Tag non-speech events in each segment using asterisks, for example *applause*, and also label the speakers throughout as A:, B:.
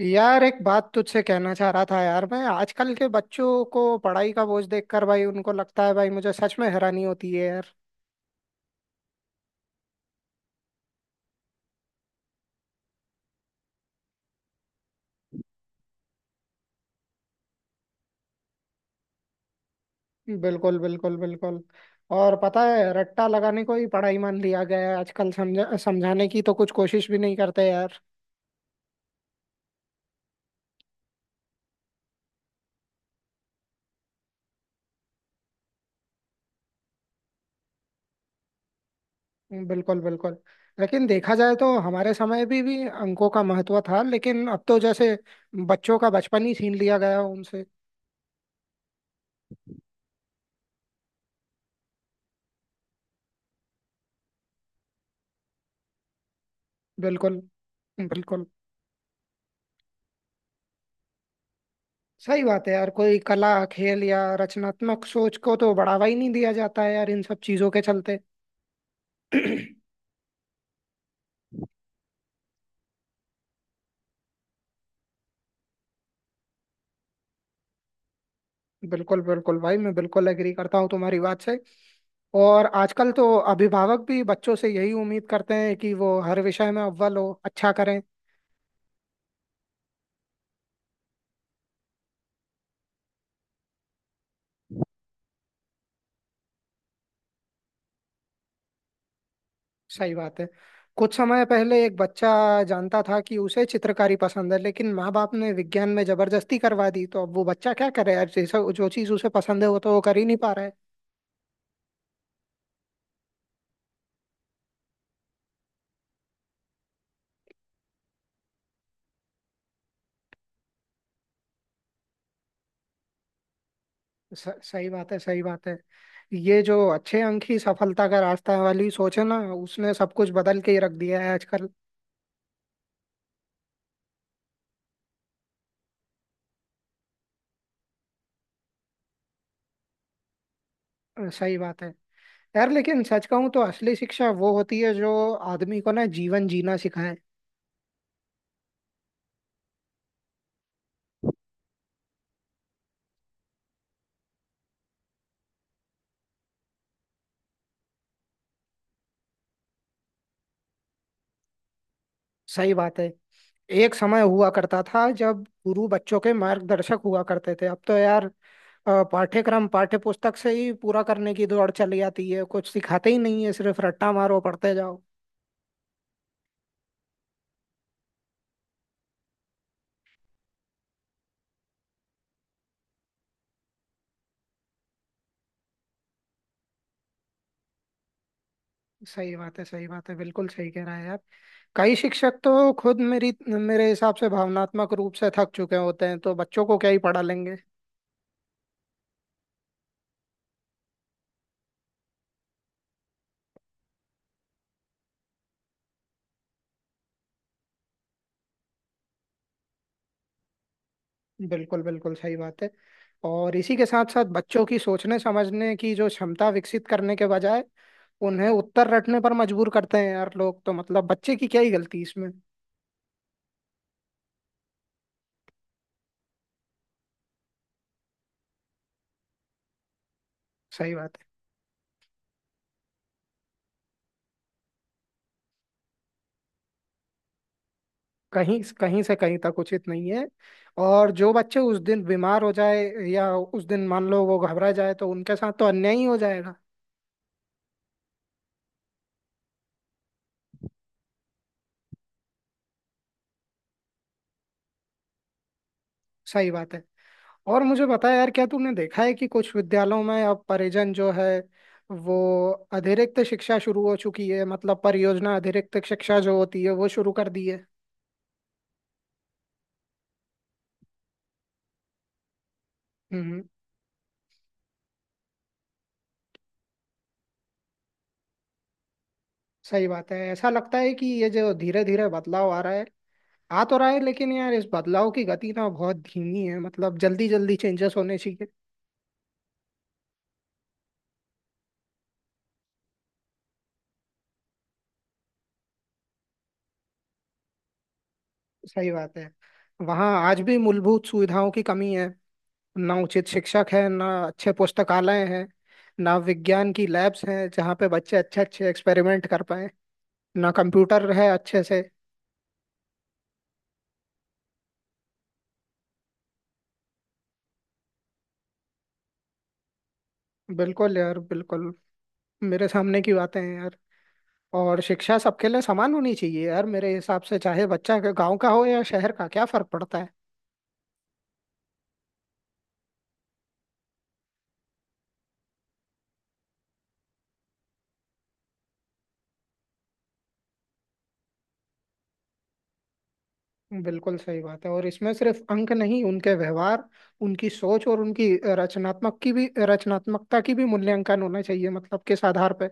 A: यार एक बात तुझसे कहना चाह रहा था यार। मैं आजकल के बच्चों को पढ़ाई का बोझ देखकर भाई, उनको लगता है भाई, मुझे सच में हैरानी होती है यार। बिल्कुल, बिल्कुल, बिल्कुल। और पता है, रट्टा लगाने को ही पढ़ाई मान लिया गया है आजकल। समझा समझाने की तो कुछ कोशिश भी नहीं करते यार। बिल्कुल बिल्कुल। लेकिन देखा जाए तो हमारे समय भी अंकों का महत्व था, लेकिन अब तो जैसे बच्चों का बचपन ही छीन लिया गया उनसे। बिल्कुल बिल्कुल। सही बात है यार। कोई कला, खेल या रचनात्मक सोच को तो बढ़ावा ही नहीं दिया जाता है यार इन सब चीजों के चलते। *clears throat* बिल्कुल बिल्कुल भाई, मैं बिल्कुल एग्री करता हूँ तुम्हारी बात से। और आजकल तो अभिभावक भी बच्चों से यही उम्मीद करते हैं कि वो हर विषय में अव्वल हो, अच्छा करें। सही बात है। कुछ समय पहले एक बच्चा जानता था कि उसे चित्रकारी पसंद है, लेकिन माँ बाप ने विज्ञान में जबरदस्ती करवा दी। तो अब वो बच्चा क्या करे यार? जैसा, जो चीज उसे पसंद है वो तो वो कर ही नहीं पा रहा है। सही बात है, सही बात है। ये जो अच्छे अंक ही सफलता का रास्ता है वाली सोच है ना, उसने सब कुछ बदल के ही रख दिया है आजकल। सही बात है यार। लेकिन सच कहूँ तो असली शिक्षा वो होती है जो आदमी को ना जीवन जीना सिखाए। सही बात है। एक समय हुआ करता था जब गुरु बच्चों के मार्गदर्शक हुआ करते थे। अब तो यार पाठ्यक्रम पाठ्य पुस्तक से ही पूरा करने की दौड़ चली जाती है। कुछ सिखाते ही नहीं है, सिर्फ रट्टा मारो, पढ़ते जाओ। सही बात है, सही बात है, बिल्कुल सही कह रहा है आप। कई शिक्षक तो खुद मेरी मेरे हिसाब से भावनात्मक रूप से थक चुके होते हैं, तो बच्चों को क्या ही पढ़ा लेंगे। बिल्कुल बिल्कुल सही बात है। और इसी के साथ साथ बच्चों की सोचने समझने की जो क्षमता विकसित करने के बजाय उन्हें उत्तर रटने पर मजबूर करते हैं यार लोग। तो मतलब बच्चे की क्या ही गलती इसमें। सही बात है। कहीं कहीं से कहीं तक उचित नहीं है। और जो बच्चे उस दिन बीमार हो जाए या उस दिन मान लो वो घबरा जाए, तो उनके साथ तो अन्याय ही हो जाएगा। सही बात है। और मुझे बता यार, क्या तूने देखा है कि कुछ विद्यालयों में अब परिजन जो है वो अतिरिक्त शिक्षा शुरू हो चुकी है। मतलब परियोजना अतिरिक्त शिक्षा जो होती है वो शुरू कर दी है। हम्म। सही बात है। ऐसा लगता है कि ये जो धीरे धीरे बदलाव आ रहा है, आ तो रहा है, लेकिन यार इस बदलाव की गति ना बहुत धीमी है। मतलब जल्दी जल्दी चेंजेस होने चाहिए। सही बात है। वहाँ आज भी मूलभूत सुविधाओं की कमी है। ना उचित शिक्षक है, ना अच्छे पुस्तकालय हैं, ना विज्ञान की लैब्स हैं जहाँ पे बच्चे अच्छे अच्छे एक्सपेरिमेंट कर पाए, ना कंप्यूटर है अच्छे से। बिल्कुल यार बिल्कुल। मेरे सामने की बातें हैं यार। और शिक्षा सबके लिए समान होनी चाहिए यार मेरे हिसाब से। चाहे बच्चा गांव का हो या शहर का, क्या फर्क पड़ता है। बिल्कुल सही बात है। और इसमें सिर्फ अंक नहीं, उनके व्यवहार, उनकी सोच और उनकी रचनात्मकता की भी मूल्यांकन होना चाहिए। मतलब किस आधार पे।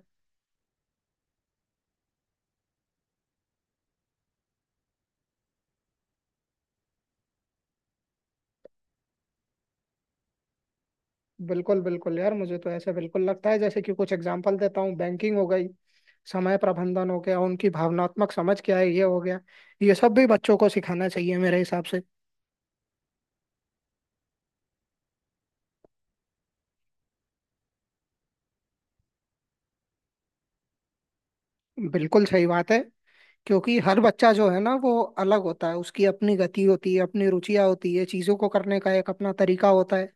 A: बिल्कुल बिल्कुल यार, मुझे तो ऐसा बिल्कुल लगता है। जैसे कि कुछ एग्जांपल देता हूँ, बैंकिंग हो गई, समय प्रबंधन हो गया, उनकी भावनात्मक समझ क्या है ये हो गया, ये सब भी बच्चों को सिखाना चाहिए मेरे हिसाब से। बिल्कुल सही बात है। क्योंकि हर बच्चा जो है ना वो अलग होता है। उसकी अपनी गति होती है, अपनी रुचियां होती है, चीजों को करने का एक अपना तरीका होता है।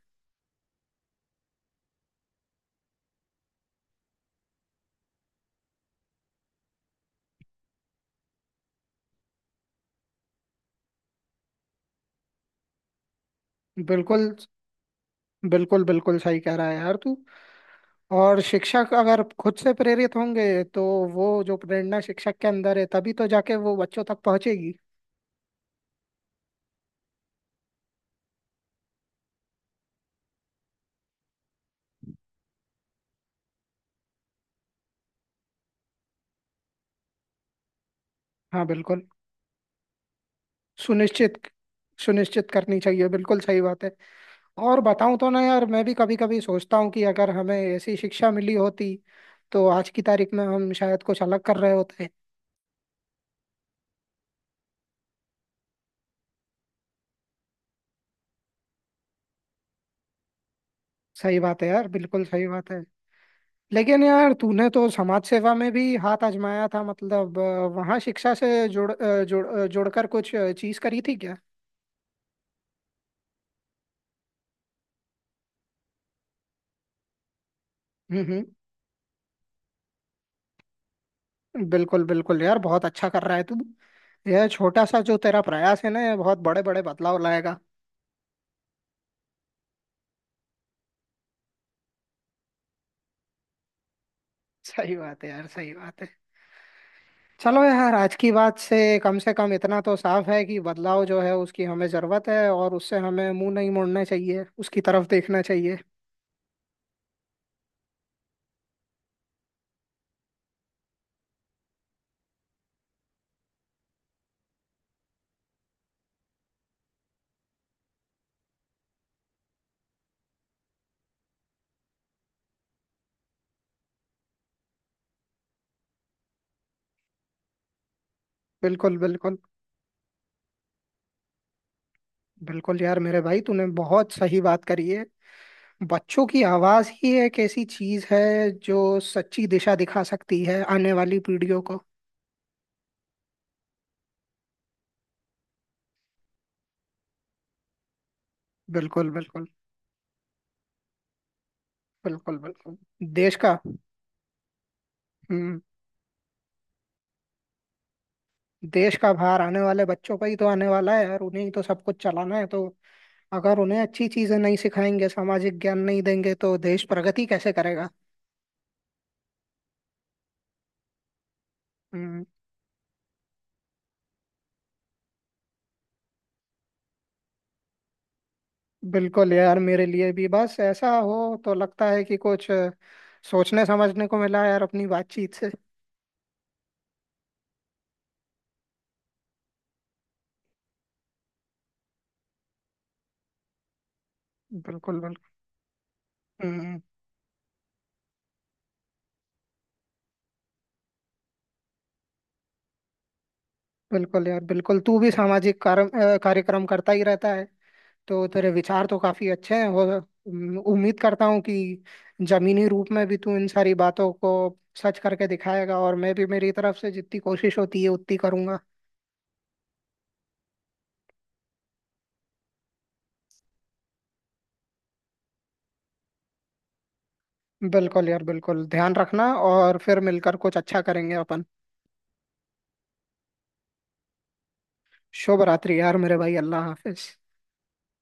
A: बिल्कुल, बिल्कुल बिल्कुल सही कह रहा है यार तू। और शिक्षक अगर खुद से प्रेरित होंगे, तो वो जो प्रेरणा शिक्षक के अंदर है तभी तो जाके वो बच्चों तक पहुंचेगी। हाँ बिल्कुल। सुनिश्चित, सुनिश्चित करनी चाहिए, बिल्कुल सही बात है। और बताऊं तो ना यार, मैं भी कभी कभी सोचता हूँ कि अगर हमें ऐसी शिक्षा मिली होती तो आज की तारीख में हम शायद कुछ अलग कर रहे होते। सही बात है यार, बिल्कुल सही बात है। लेकिन यार तूने तो समाज सेवा में भी हाथ आजमाया था। मतलब वहाँ शिक्षा से जोड़कर कुछ चीज करी थी क्या? हम्म। बिल्कुल बिल्कुल यार, बहुत अच्छा कर रहा है तू। यह छोटा सा जो तेरा प्रयास है ना, यह बहुत बड़े बड़े बदलाव लाएगा। सही बात है यार, सही बात है। चलो यार, आज की बात से कम इतना तो साफ है कि बदलाव जो है उसकी हमें जरूरत है, और उससे हमें मुंह नहीं मोड़ना चाहिए, उसकी तरफ देखना चाहिए। बिल्कुल बिल्कुल। बिल्कुल यार मेरे भाई, तूने बहुत सही बात करी है। बच्चों की आवाज ही एक ऐसी चीज है जो सच्ची दिशा दिखा सकती है आने वाली पीढ़ियों को। बिल्कुल बिल्कुल। बिल्कुल बिल्कुल। देश का। हम्म। देश का भार आने वाले बच्चों पर ही तो आने वाला है यार। उन्हें ही तो सब कुछ चलाना है। तो अगर उन्हें अच्छी चीजें नहीं सिखाएंगे, सामाजिक ज्ञान नहीं देंगे, तो देश प्रगति कैसे करेगा। हम्म, बिल्कुल यार, मेरे लिए भी बस ऐसा हो तो लगता है कि कुछ सोचने समझने को मिला यार अपनी बातचीत से। बिल्कुल बिल्कुल। हम्म, बिल्कुल यार, बिल्कुल। तू भी सामाजिक कार्य, कार्यक्रम करता ही रहता है, तो तेरे विचार तो काफी अच्छे हैं। और उम्मीद करता हूँ कि जमीनी रूप में भी तू इन सारी बातों को सच करके दिखाएगा। और मैं भी मेरी तरफ से जितनी कोशिश होती है उतनी करूंगा। बिल्कुल यार बिल्कुल, ध्यान रखना, और फिर मिलकर कुछ अच्छा करेंगे अपन। शुभ रात्रि यार मेरे भाई, अल्लाह हाफिज।